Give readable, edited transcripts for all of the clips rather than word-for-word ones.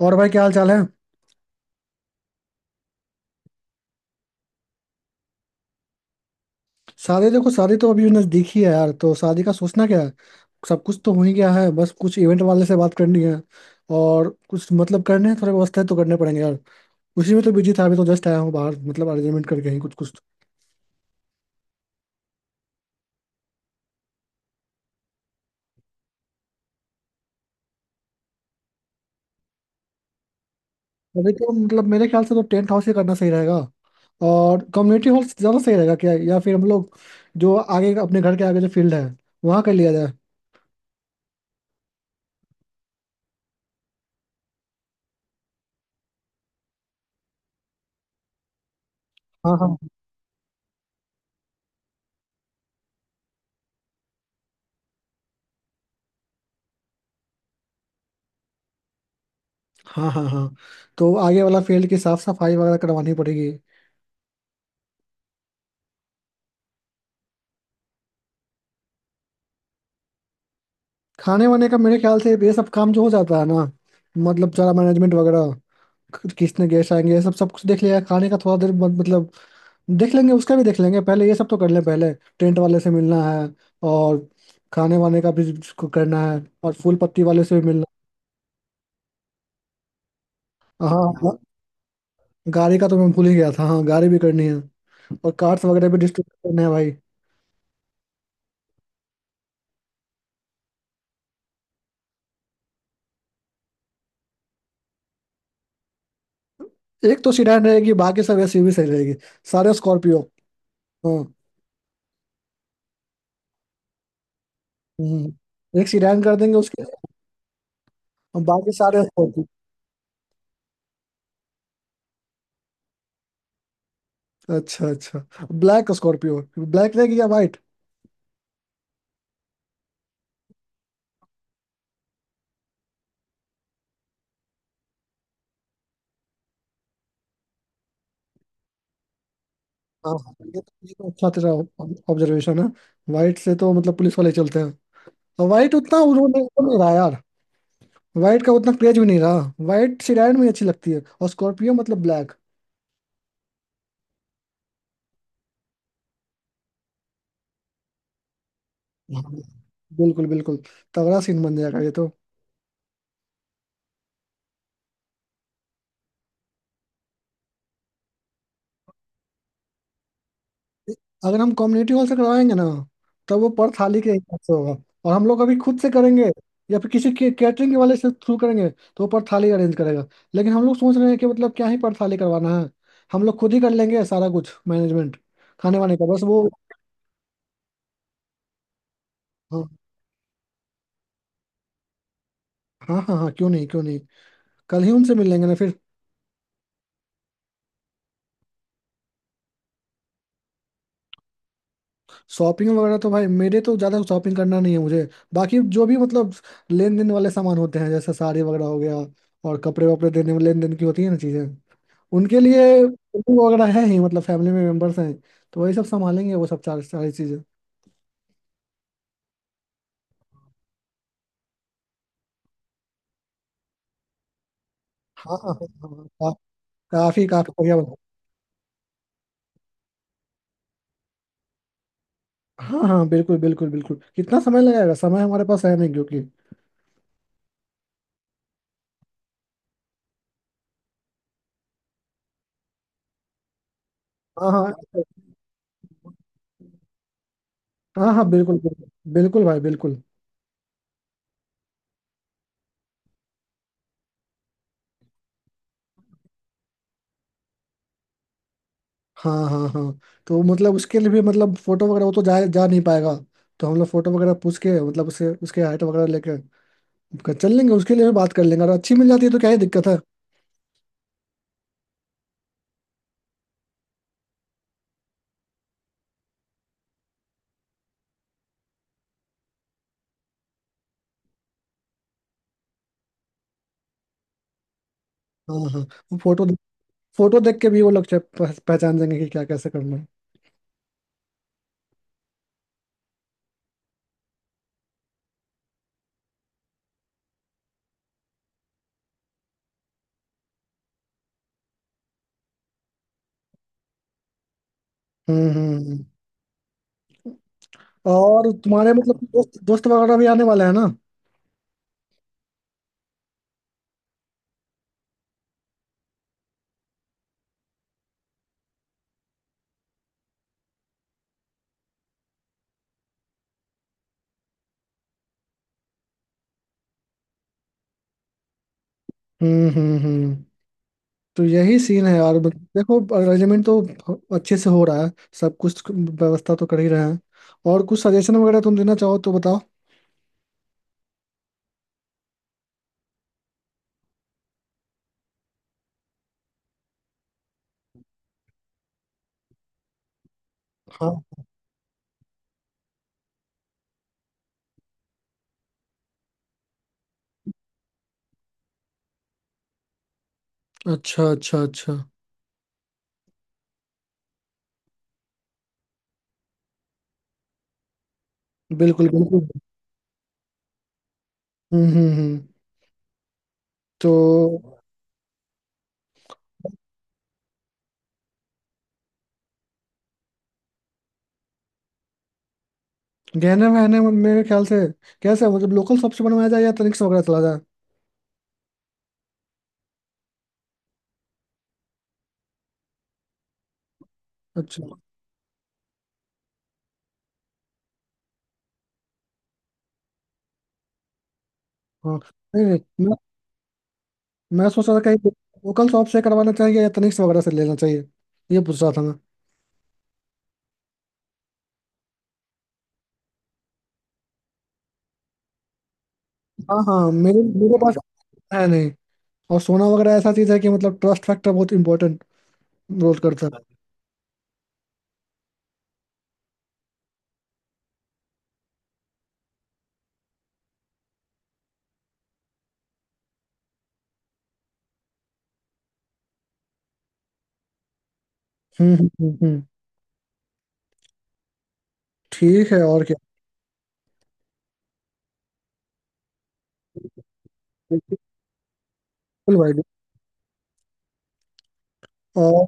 और भाई क्या हाल चाल है। शादी देखो, शादी तो अभी नजदीक ही है यार, तो शादी का सोचना क्या है। सब कुछ तो हो ही गया है, बस कुछ इवेंट वाले से बात करनी है और कुछ मतलब करने हैं, थोड़े व्यवस्था तो करने पड़ेंगे यार। उसी में तो बिजी था, अभी तो जस्ट आया हूँ बाहर, मतलब अरेंजमेंट करके ही कुछ कुछ। तो देखो मतलब मेरे ख्याल से तो टेंट हाउस ही करना सही रहेगा। और कम्युनिटी हॉल ज़्यादा सही रहेगा क्या, या फिर हम लोग जो आगे, अपने घर के आगे जो फील्ड है, वहाँ कर लिया जाए। हाँ, हाँ, हाँ, हाँ, हाँ। तो आगे वाला फील्ड की साफ सफाई वगैरह करवानी पड़ेगी। खाने वाने का मेरे ख्याल से ये सब काम जो हो जाता है ना, मतलब सारा मैनेजमेंट वगैरह, किसने गेस्ट आएंगे ये सब सब कुछ देख लिया। खाने का थोड़ा देर मतलब देख लेंगे, उसका भी देख लेंगे, पहले ये सब तो कर लें पहले। टेंट वाले से मिलना है और खाने वाने का भी उसको करना है और फूल पत्ती वाले से भी मिलना। हाँ, हाँ। गाड़ी का तो मैं भूल ही गया था, हाँ गाड़ी भी करनी है और कार्ड्स वगैरह भी डिस्ट्रीब्यूट करने हैं भाई। एक तो सीडान रहेगी, बाकी सब एसयूवी सही रहेगी, सारे स्कॉर्पियो। हाँ। हम्म, एक सीडान कर देंगे उसके और बाकी सारे। अच्छा अच्छा। ब्लैक स्कॉर्पियो, ब्लैक रहेगी या वाइट। हाँ हाँ, ये तो अच्छा तेरा ऑब्जर्वेशन है। वाइट से तो मतलब पुलिस वाले चलते हैं और वाइट उतना उन्होंने वो नहीं रहा यार। वाइट का उतना क्रेज भी नहीं रहा। वाइट सिडान में अच्छी लगती है और स्कॉर्पियो मतलब ब्लैक। हाँ। बिल्कुल बिल्कुल, तगड़ा सीन बन जाएगा ये तो। अगर हम कम्युनिटी हॉल से करवाएंगे ना, तब वो पर थाली के हिसाब से होगा। और हम लोग अभी खुद से करेंगे या फिर किसी के कैटरिंग वाले से थ्रू करेंगे, तो वो पर थाली अरेंज करेगा। लेकिन हम लोग सोच रहे हैं कि मतलब क्या ही पर थाली करवाना है, हम लोग खुद ही कर लेंगे सारा कुछ मैनेजमेंट, खाने वाने का बस वो। हाँ, हाँ, हाँ, हाँ, क्यों नहीं क्यों नहीं। कल ही उनसे मिल लेंगे ना फिर। शॉपिंग वगैरह तो भाई, मेरे तो ज़्यादा शॉपिंग करना नहीं है मुझे। बाकी जो भी मतलब लेन देन वाले सामान होते हैं, जैसे साड़ी वगैरह हो गया। और कपड़े वपड़े देने में लेन देन की होती है ना चीज़ें, उनके लिए कुकिंग वगैरह है ही। मतलब फैमिली में मेंबर्स हैं तो वही सब संभालेंगे, वो सब चार सारी चीजें। हाँ, हाँ, हाँ, हाँ, काफी काफी बढ़िया बना। हाँ हाँ, बिल्कुल बिल्कुल बिल्कुल, कितना समय लगेगा, समय हमारे पास है नहीं क्योंकि हाँ हाँ हाँ, हाँ बिल्कुल बिल्कुल बिल्कुल भाई बिल्कुल। हाँ, हाँ, हाँ। तो मतलब उसके लिए भी, मतलब फोटो वगैरह, वो तो जा जा नहीं पाएगा। तो हम लोग फोटो वगैरह पूछ के, मतलब उसके उसके हाइट वगैरह लेके चल लेंगे, उसके लिए भी बात कर लेंगे, अगर अच्छी मिल जाती है तो क्या ही दिक्कत है। हाँ, हाँ। वो फोटो, फोटो देख के भी वो लोग पहचान जाएंगे कि क्या कैसे करना है। हम्म हम्म हम्म। और तुम्हारे मतलब दोस्त दोस्त वगैरह भी आने वाले हैं ना। हम्म हम्म हम्म। तो यही सीन है यार, मतलब देखो, अरेंजमेंट तो अच्छे से हो रहा है, सब कुछ व्यवस्था तो कर ही रहे हैं। और कुछ सजेशन वगैरह तुम देना चाहो तो बताओ। हाँ। अच्छा अच्छा अच्छा। बिल्कुल बिल्कुल। हम्म हम्म हम्म। तो गहने वहने में मेरे ख्याल से कैसे, मतलब लोकल शॉप से बनवाया जाए या तनिक से वगैरह चला जाए। अच्छा। हाँ। नहीं नहीं, मैं सोच रहा था कहीं लोकल शॉप से करवाना चाहिए या तनिष्क वगैरह से लेना चाहिए, ये पूछ रहा था मैं। हाँ हाँ, मेरे मेरे पास है नहीं। और सोना वगैरह ऐसा चीज है कि मतलब ट्रस्ट फैक्टर बहुत इंपॉर्टेंट रोल करता है। हम्म हम्म हम्म हम्म। ठीक है, और क्या। बिल्कुल भाई। और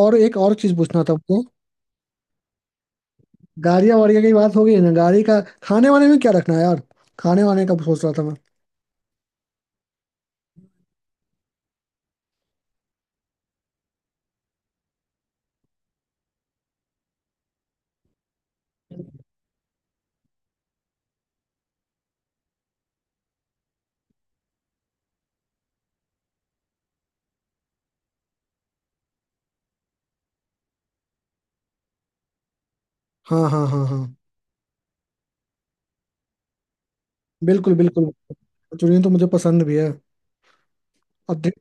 एक और चीज पूछना था मुझे। गाड़िया वाड़िया की बात हो गई ना, गाड़ी का। खाने वाने में क्या रखना है यार, खाने वाने का सोच रहा था मैं। हाँ, हाँ, हाँ, हाँ, बिल्कुल बिल्कुल। मंचूरियन तो मुझे पसंद भी है और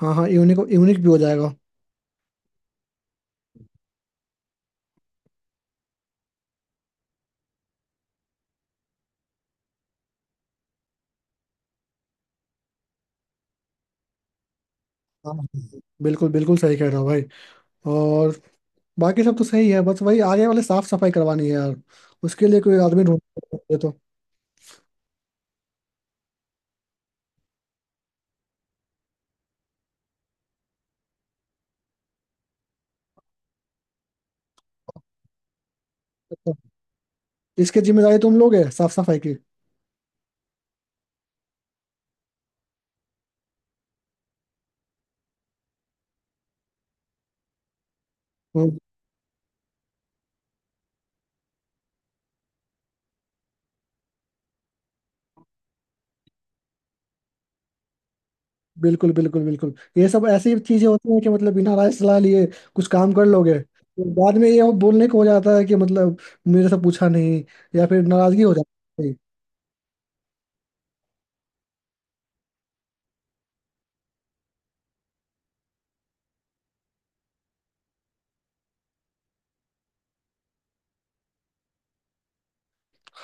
हाँ हाँ, यूनिक यूनिक भी हो जाएगा। हाँ, बिल्कुल बिल्कुल सही कह रहे हो भाई। और बाकी सब तो सही है, बस वही आगे वाले साफ सफाई करवानी है यार, उसके लिए कोई आदमी ढूंढ तो। इसकी जिम्मेदारी तुम लोगे साफ सफाई की। हम्म, बिल्कुल बिल्कुल बिल्कुल, ये सब ऐसी चीजें होती हैं कि मतलब बिना राय सलाह लिए कुछ काम कर लोगे तो बाद में ये वो बोलने को हो जाता है कि मतलब मेरे से पूछा नहीं या फिर नाराजगी हो जाती है।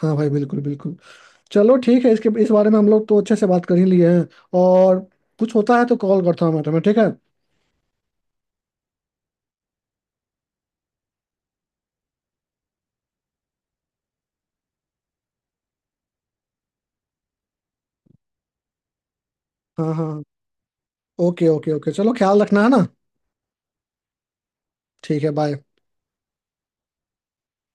हाँ भाई, बिल्कुल बिल्कुल। चलो ठीक है, इसके इस बारे में हम लोग तो अच्छे से बात कर ही लिए हैं। और कुछ होता है तो कॉल करता हूँ मैं तुम्हें, ठीक है। हाँ, हाँ, हाँ। ओके ओके ओके, चलो, ख्याल रखना, है ना। ठीक है, बाय।